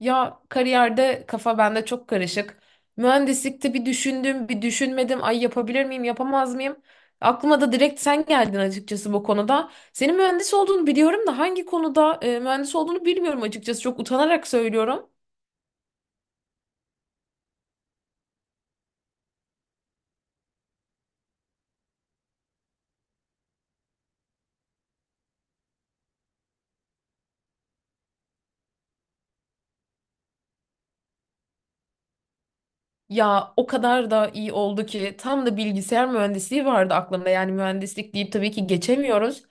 Ya kariyerde kafa bende çok karışık. Mühendislikte bir düşündüm, bir düşünmedim. Ay yapabilir miyim, yapamaz mıyım? Aklıma da direkt sen geldin açıkçası bu konuda. Senin mühendis olduğunu biliyorum da hangi konuda mühendis olduğunu bilmiyorum açıkçası. Çok utanarak söylüyorum. Ya o kadar da iyi oldu ki tam da bilgisayar mühendisliği vardı aklımda. Yani mühendislik deyip tabii ki geçemiyoruz.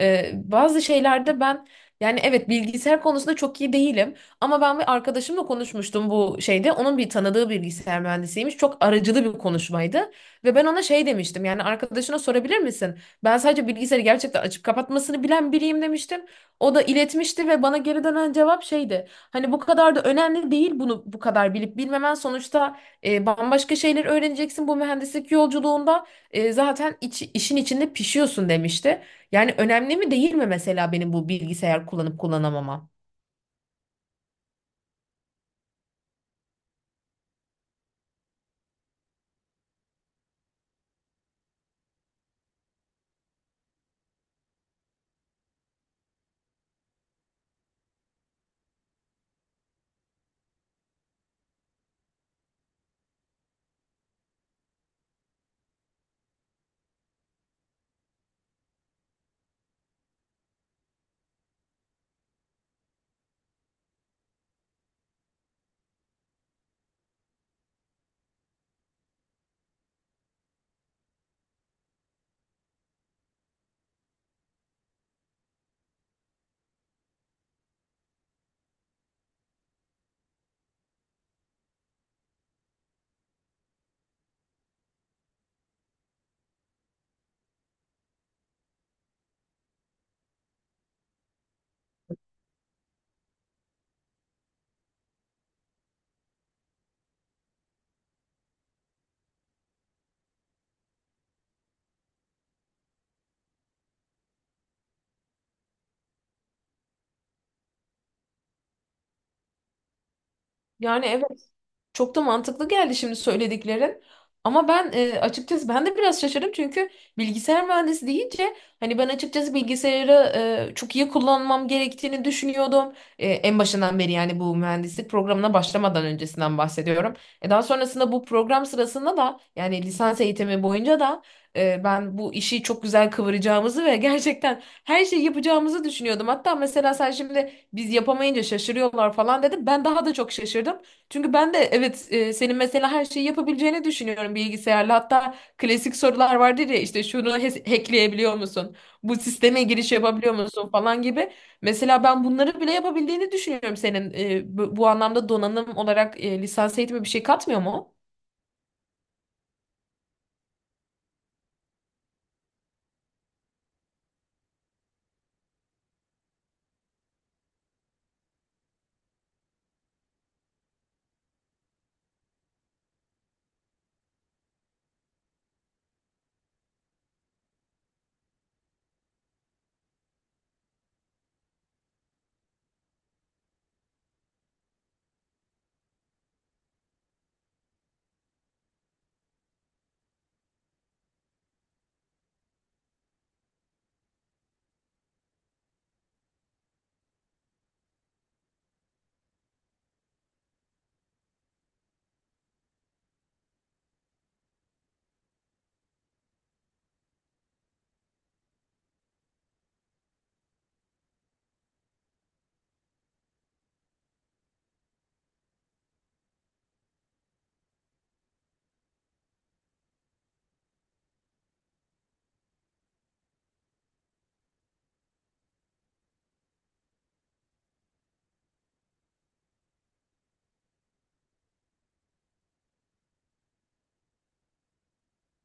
Bazı şeylerde ben yani evet bilgisayar konusunda çok iyi değilim. Ama ben bir arkadaşımla konuşmuştum bu şeyde. Onun bir tanıdığı bilgisayar mühendisiymiş. Çok aracılı bir konuşmaydı. Ve ben ona şey demiştim. Yani arkadaşına sorabilir misin? Ben sadece bilgisayarı gerçekten açıp kapatmasını bilen biriyim demiştim. O da iletmişti ve bana geri dönen cevap şeydi. Hani bu kadar da önemli değil bunu bu kadar bilip bilmemen sonuçta bambaşka şeyler öğreneceksin bu mühendislik yolculuğunda. Zaten işin içinde pişiyorsun demişti. Yani önemli mi değil mi mesela benim bu bilgisayar kullanıp kullanamamam? Yani evet, çok da mantıklı geldi şimdi söylediklerin. Ama ben açıkçası ben de biraz şaşırdım çünkü bilgisayar mühendisi deyince hani ben açıkçası bilgisayarı çok iyi kullanmam gerektiğini düşünüyordum. En başından beri yani bu mühendislik programına başlamadan öncesinden bahsediyorum. Daha sonrasında bu program sırasında da yani lisans eğitimi boyunca da ben bu işi çok güzel kıvıracağımızı ve gerçekten her şeyi yapacağımızı düşünüyordum. Hatta mesela sen şimdi biz yapamayınca şaşırıyorlar falan dedim. Ben daha da çok şaşırdım. Çünkü ben de evet, senin mesela her şeyi yapabileceğini düşünüyorum bilgisayarla. Hatta klasik sorular vardır ya, işte şunu hackleyebiliyor musun? Bu sisteme giriş yapabiliyor musun falan gibi. Mesela ben bunları bile yapabildiğini düşünüyorum senin. E, bu anlamda donanım olarak lisans eğitimi bir şey katmıyor mu?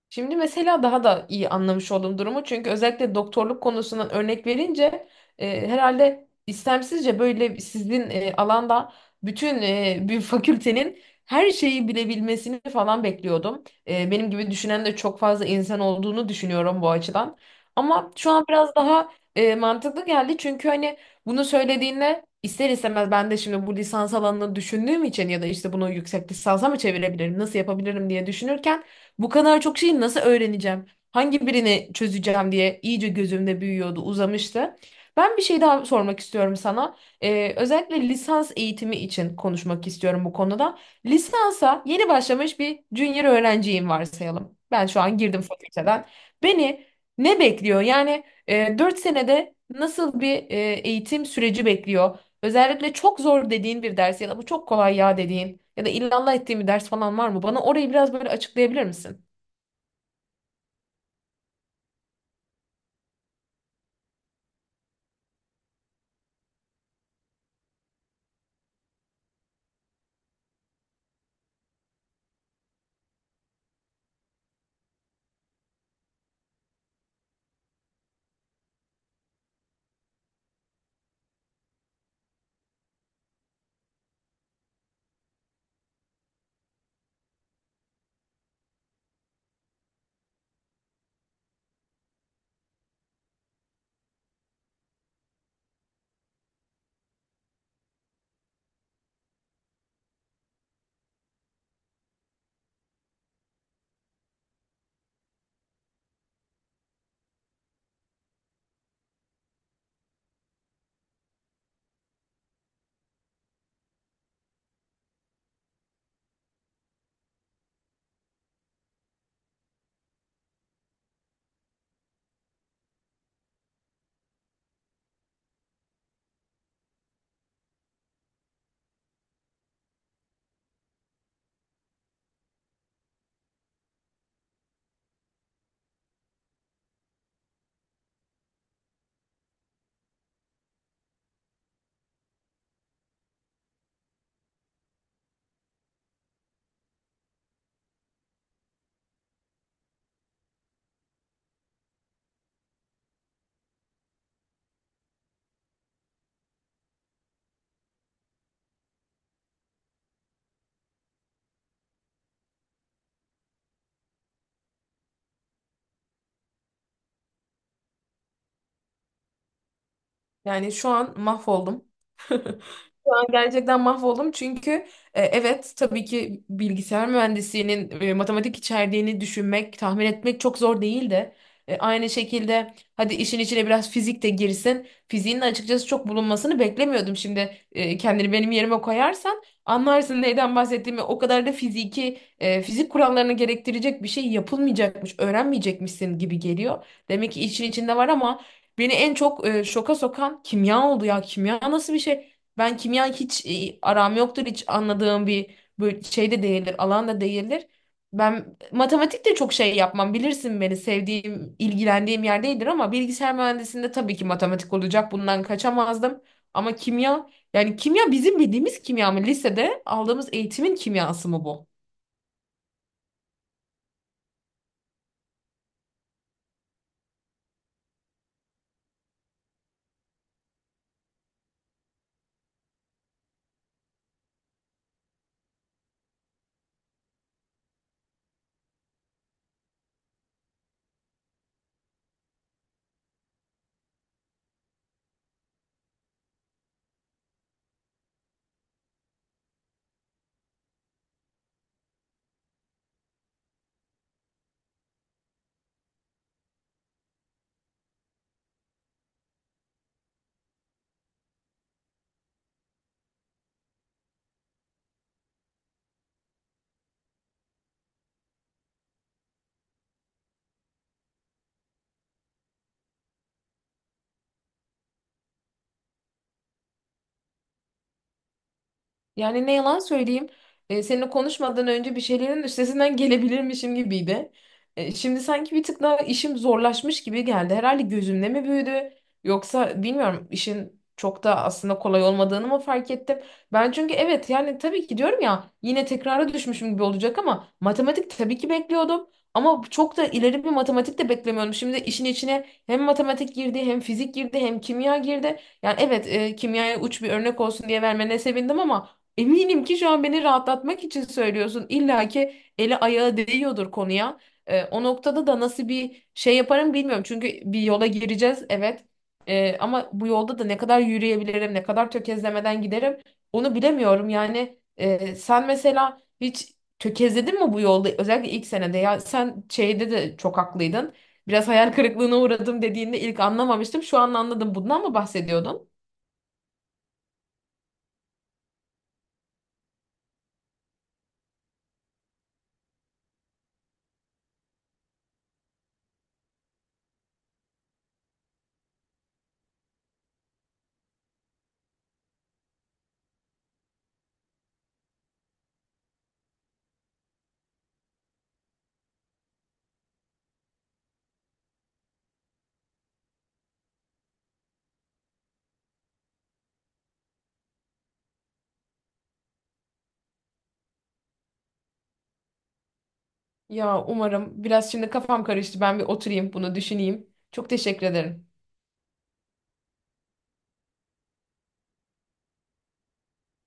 Şimdi mesela daha da iyi anlamış oldum durumu. Çünkü özellikle doktorluk konusundan örnek verince herhalde istemsizce böyle sizin alanda bütün bir fakültenin her şeyi bilebilmesini falan bekliyordum. E, benim gibi düşünen de çok fazla insan olduğunu düşünüyorum bu açıdan. Ama şu an biraz daha mantıklı geldi. Çünkü hani bunu söylediğinde ister istemez ben de şimdi bu lisans alanını düşündüğüm için ya da işte bunu yüksek lisansa mı çevirebilirim, nasıl yapabilirim diye düşünürken bu kadar çok şeyi nasıl öğreneceğim? Hangi birini çözeceğim diye iyice gözümde büyüyordu, uzamıştı. Ben bir şey daha sormak istiyorum sana. Özellikle lisans eğitimi için konuşmak istiyorum bu konuda. Lisansa yeni başlamış bir junior öğrenciyim varsayalım. Ben şu an girdim fakülteden. Beni ne bekliyor? Yani 4 senede nasıl bir eğitim süreci bekliyor? Özellikle çok zor dediğin bir ders ya da bu çok kolay ya dediğin ya da illallah ettiğin bir ders falan var mı? Bana orayı biraz böyle açıklayabilir misin? Yani şu an mahvoldum. Şu an gerçekten mahvoldum çünkü evet tabii ki bilgisayar mühendisliğinin matematik içerdiğini düşünmek, tahmin etmek çok zor değil de aynı şekilde hadi işin içine biraz fizik de girsin. Fiziğin de açıkçası çok bulunmasını beklemiyordum. Şimdi kendini benim yerime koyarsan anlarsın neyden bahsettiğimi. O kadar da fiziki fizik kurallarını gerektirecek bir şey yapılmayacakmış, öğrenmeyecekmişsin gibi geliyor. Demek ki işin içinde var ama beni en çok şoka sokan kimya oldu ya. Kimya nasıl bir şey? Ben kimya hiç, aram yoktur. Hiç anladığım bir böyle şey de değildir. Alan da değildir. Ben matematik de çok şey yapmam. Bilirsin beni, sevdiğim, ilgilendiğim yer değildir ama bilgisayar mühendisliğinde tabii ki matematik olacak. Bundan kaçamazdım. Ama kimya, yani kimya bizim bildiğimiz kimya mı? Lisede aldığımız eğitimin kimyası mı bu? Yani ne yalan söyleyeyim. Seninle konuşmadan önce bir şeylerin üstesinden gelebilirmişim gibiydi. Şimdi sanki bir tık daha işim zorlaşmış gibi geldi. Herhalde gözümde mi büyüdü? Yoksa bilmiyorum, işin çok da aslında kolay olmadığını mı fark ettim? Ben çünkü evet, yani tabii ki diyorum ya, yine tekrara düşmüşüm gibi olacak ama matematik tabii ki bekliyordum. Ama çok da ileri bir matematik de beklemiyordum. Şimdi işin içine hem matematik girdi, hem fizik girdi, hem kimya girdi. Yani evet, kimyaya uç bir örnek olsun diye vermene sevindim ama eminim ki şu an beni rahatlatmak için söylüyorsun. İlla ki eli ayağı değiyordur konuya. O noktada da nasıl bir şey yaparım bilmiyorum. Çünkü bir yola gireceğiz evet. Ama bu yolda da ne kadar yürüyebilirim, ne kadar tökezlemeden giderim onu bilemiyorum. Yani sen mesela hiç tökezledin mi bu yolda? Özellikle ilk senede ya, sen şeyde de çok haklıydın. Biraz hayal kırıklığına uğradım dediğinde ilk anlamamıştım. Şu an anladım. Bundan mı bahsediyordun? Ya umarım. Biraz şimdi kafam karıştı. Ben bir oturayım bunu düşüneyim. Çok teşekkür ederim.